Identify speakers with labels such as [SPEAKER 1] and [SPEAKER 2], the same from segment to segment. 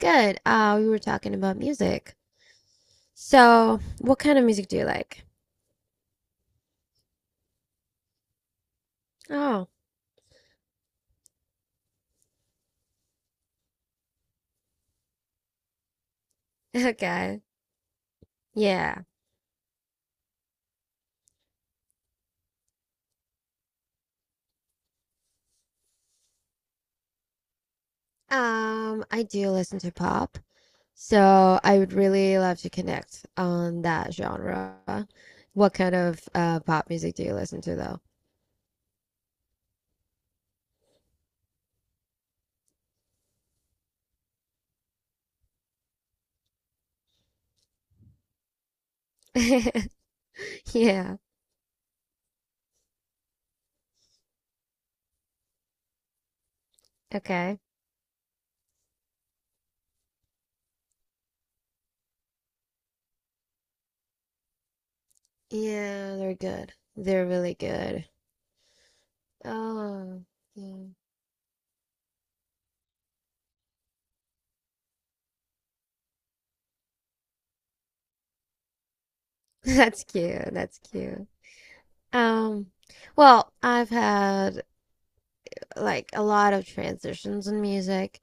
[SPEAKER 1] Good. We were talking about music. So, what kind of music do you like? Oh, okay. Yeah. I do listen to pop, so I would really love to connect on that genre. What kind of pop music do you listen to though? Yeah. Okay. Yeah, they're good. They're really good. Oh, yeah. That's cute. That's cute. Um, well, I've had like a lot of transitions in music.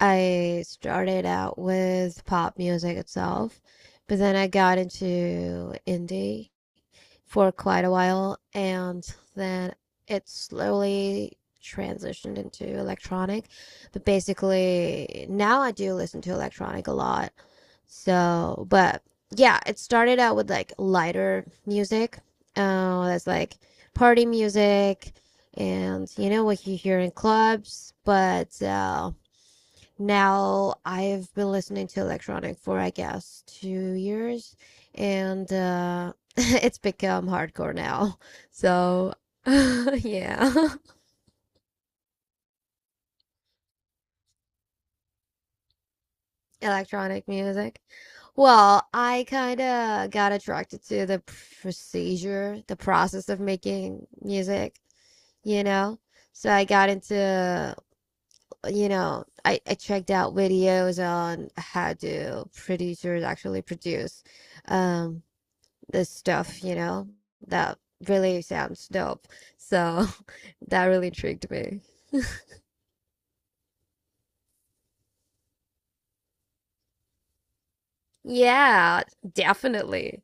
[SPEAKER 1] I started out with pop music itself, but then I got into indie for quite a while, and then it slowly transitioned into electronic. But basically, now I do listen to electronic a lot. So, but yeah, it started out with like lighter music. That's like party music and you know what you hear in clubs. But now I've been listening to electronic for I guess 2 years and it's become hardcore now. So, yeah, electronic music. Well, I kind of got attracted to the procedure, the process of making music, you know? So I got into, you know, I checked out videos on how do producers actually produce um this stuff, you know? That really sounds dope. So that really intrigued me. Yeah, definitely.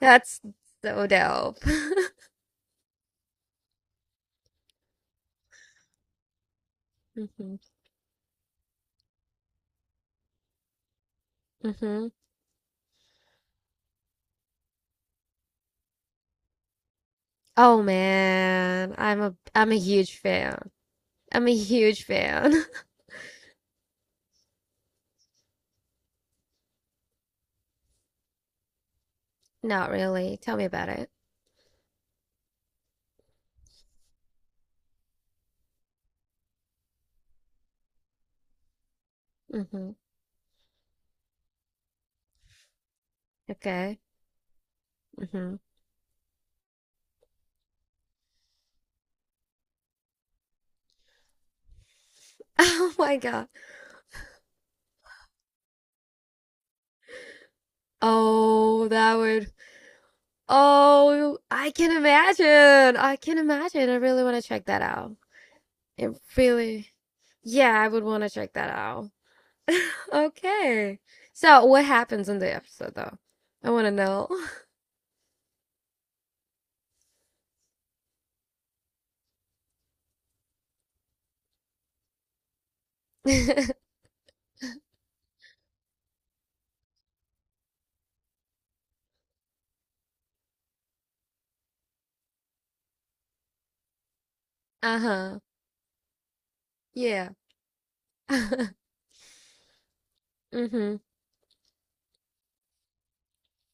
[SPEAKER 1] That's so dope. hmm hmm Oh man, I'm a huge fan. I'm a huge fan. Not really. Tell me about it. Mm-hmm. Okay. Mm-hmm. Oh my God. Oh, that would. Oh, I can imagine. I can imagine. I really want to check that out. It really. Yeah, I would want to check that out. Okay. So, what happens in the episode though? I want to know. Uh-huh. Yeah. Mm-hmm.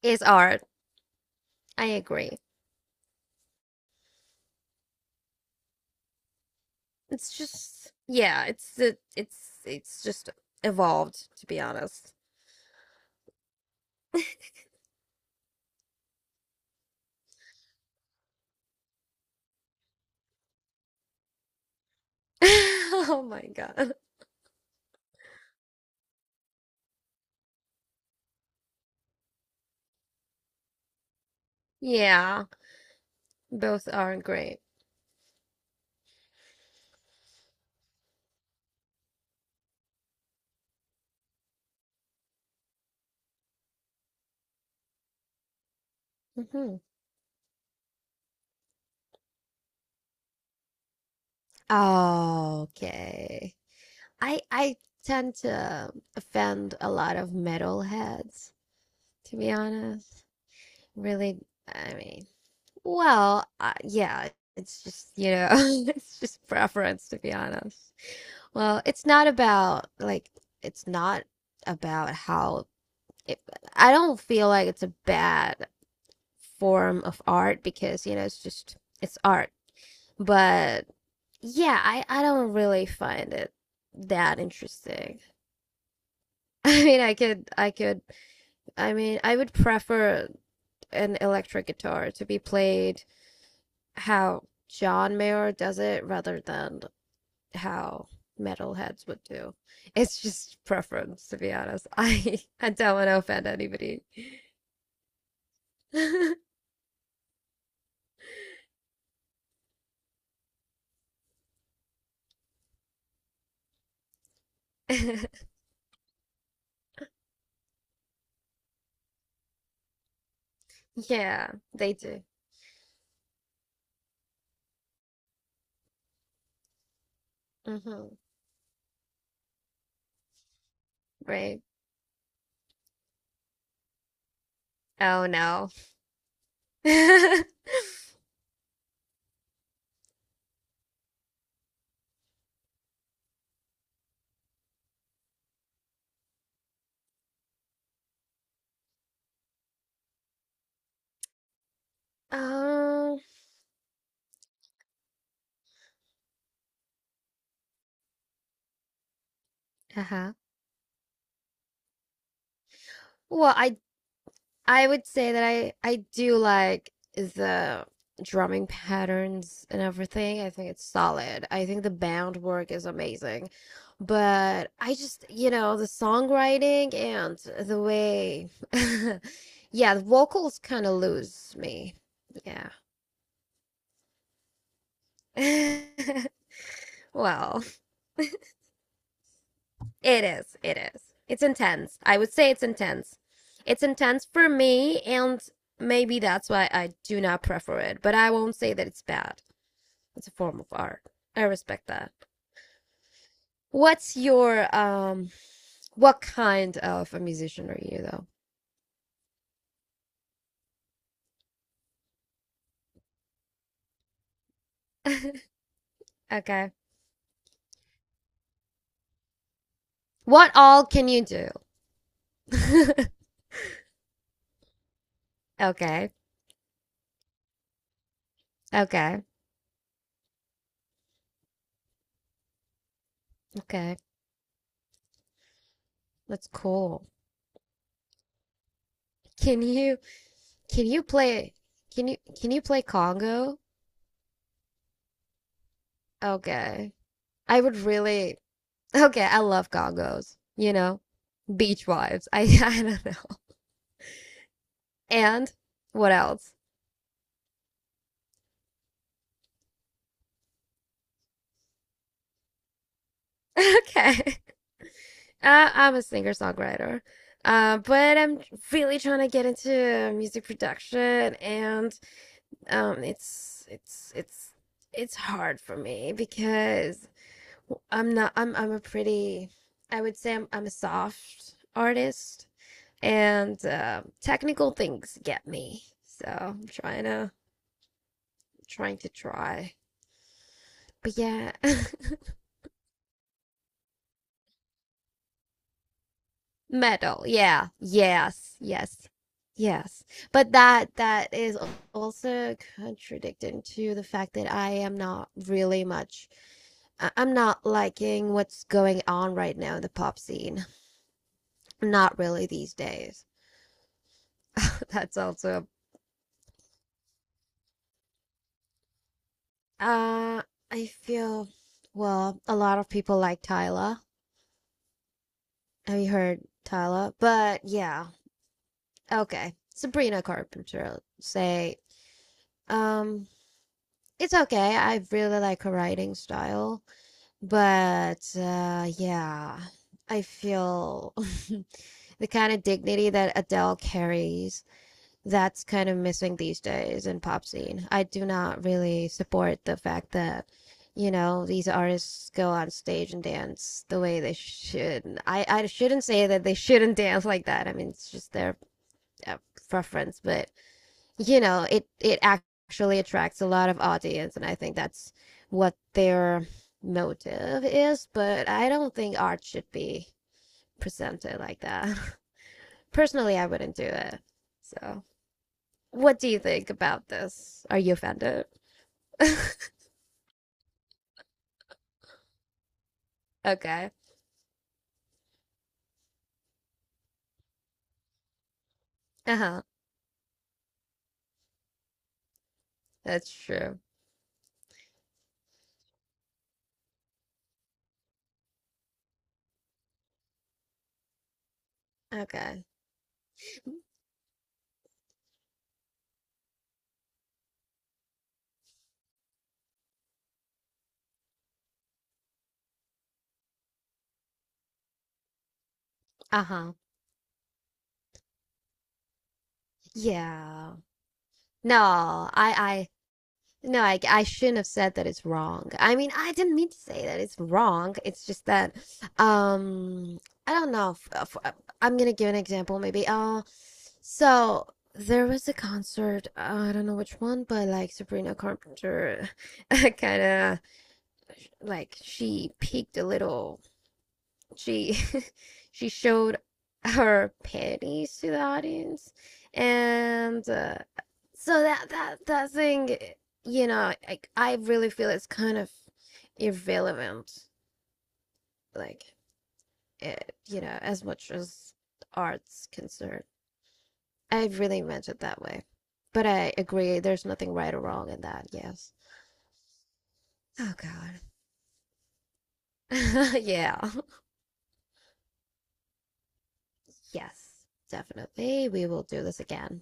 [SPEAKER 1] It's art. I agree. It's just yeah, it's it's just evolved to be honest. Oh my God. Yeah, both are great. Hmm. Okay. I tend to offend a lot of metalheads, to be honest. Really, I mean, well, yeah, it's just, you know, it's just preference, to be honest. Well, it's not about like it's not about how it, I don't feel like it's a bad form of art because you know it's just it's art. But yeah, I don't really find it that interesting. I mean, I could I mean, I would prefer an electric guitar to be played how John Mayer does it rather than how metalheads would do. It's just preference, to be honest. I don't want to offend anybody. Yeah, they do. Mm-hmm. Right. Oh no. Oh. Uh-huh. Well, I would say that I do like the drumming patterns and everything. I think it's solid. I think the band work is amazing. But I just, you know, the songwriting and the way yeah, the vocals kind of lose me. Yeah. Well, it is. It is. It's intense. I would say it's intense. It's intense for me and maybe that's why I do not prefer it, but I won't say that it's bad. It's a form of art. I respect that. What's your what kind of a musician are you though? Okay. What all can you do? okay. Okay. Okay. That's cool. Can you can you play can you play Congo? Okay. I would really, okay, I love Congos. You know, beach vibes. I don't know. And what else? Okay. I'm a singer-songwriter. But I'm really trying to get into music production and it's it's hard for me because I'm not I'm I'm a pretty I would say I'm a soft artist and technical things get me. So I'm trying to try. But yeah. Metal, yeah, yes, but that is also contradicting to the fact that I am not really much I'm not liking what's going on right now in the pop scene, not really these days. That's also, uh I feel well a lot of people like Tyler, have you heard Tyler? But yeah, okay, Sabrina Carpenter, say, um it's okay. I really like her writing style, but yeah, I feel the kind of dignity that Adele carries, that's kind of missing these days in pop scene. I do not really support the fact that, you know, these artists go on stage and dance the way they should. I shouldn't say that they shouldn't dance like that. I mean, it's just their uh, preference, but you know it it actually attracts a lot of audience and I think that's what their motive is, but I don't think art should be presented like that. Personally, I wouldn't do it. So what do you think about this? Are you offended? Okay. Uh-huh. That's true. Okay. Uh-huh. Yeah. No i i I shouldn't have said that it's wrong. I mean, I didn't mean to say that it's wrong. It's just that, um, I don't know. If, I'm gonna give an example, maybe. So there was a concert. I don't know which one, but like Sabrina Carpenter, kind of like she peaked a little she she showed her panties to the audience, and so that thing, you know, like I really feel it's kind of irrelevant, like it, you know, as much as art's concerned. I really meant it that way, but I agree. There's nothing right or wrong in that. Yes. Oh God. yeah. Yes. Definitely, we will do this again.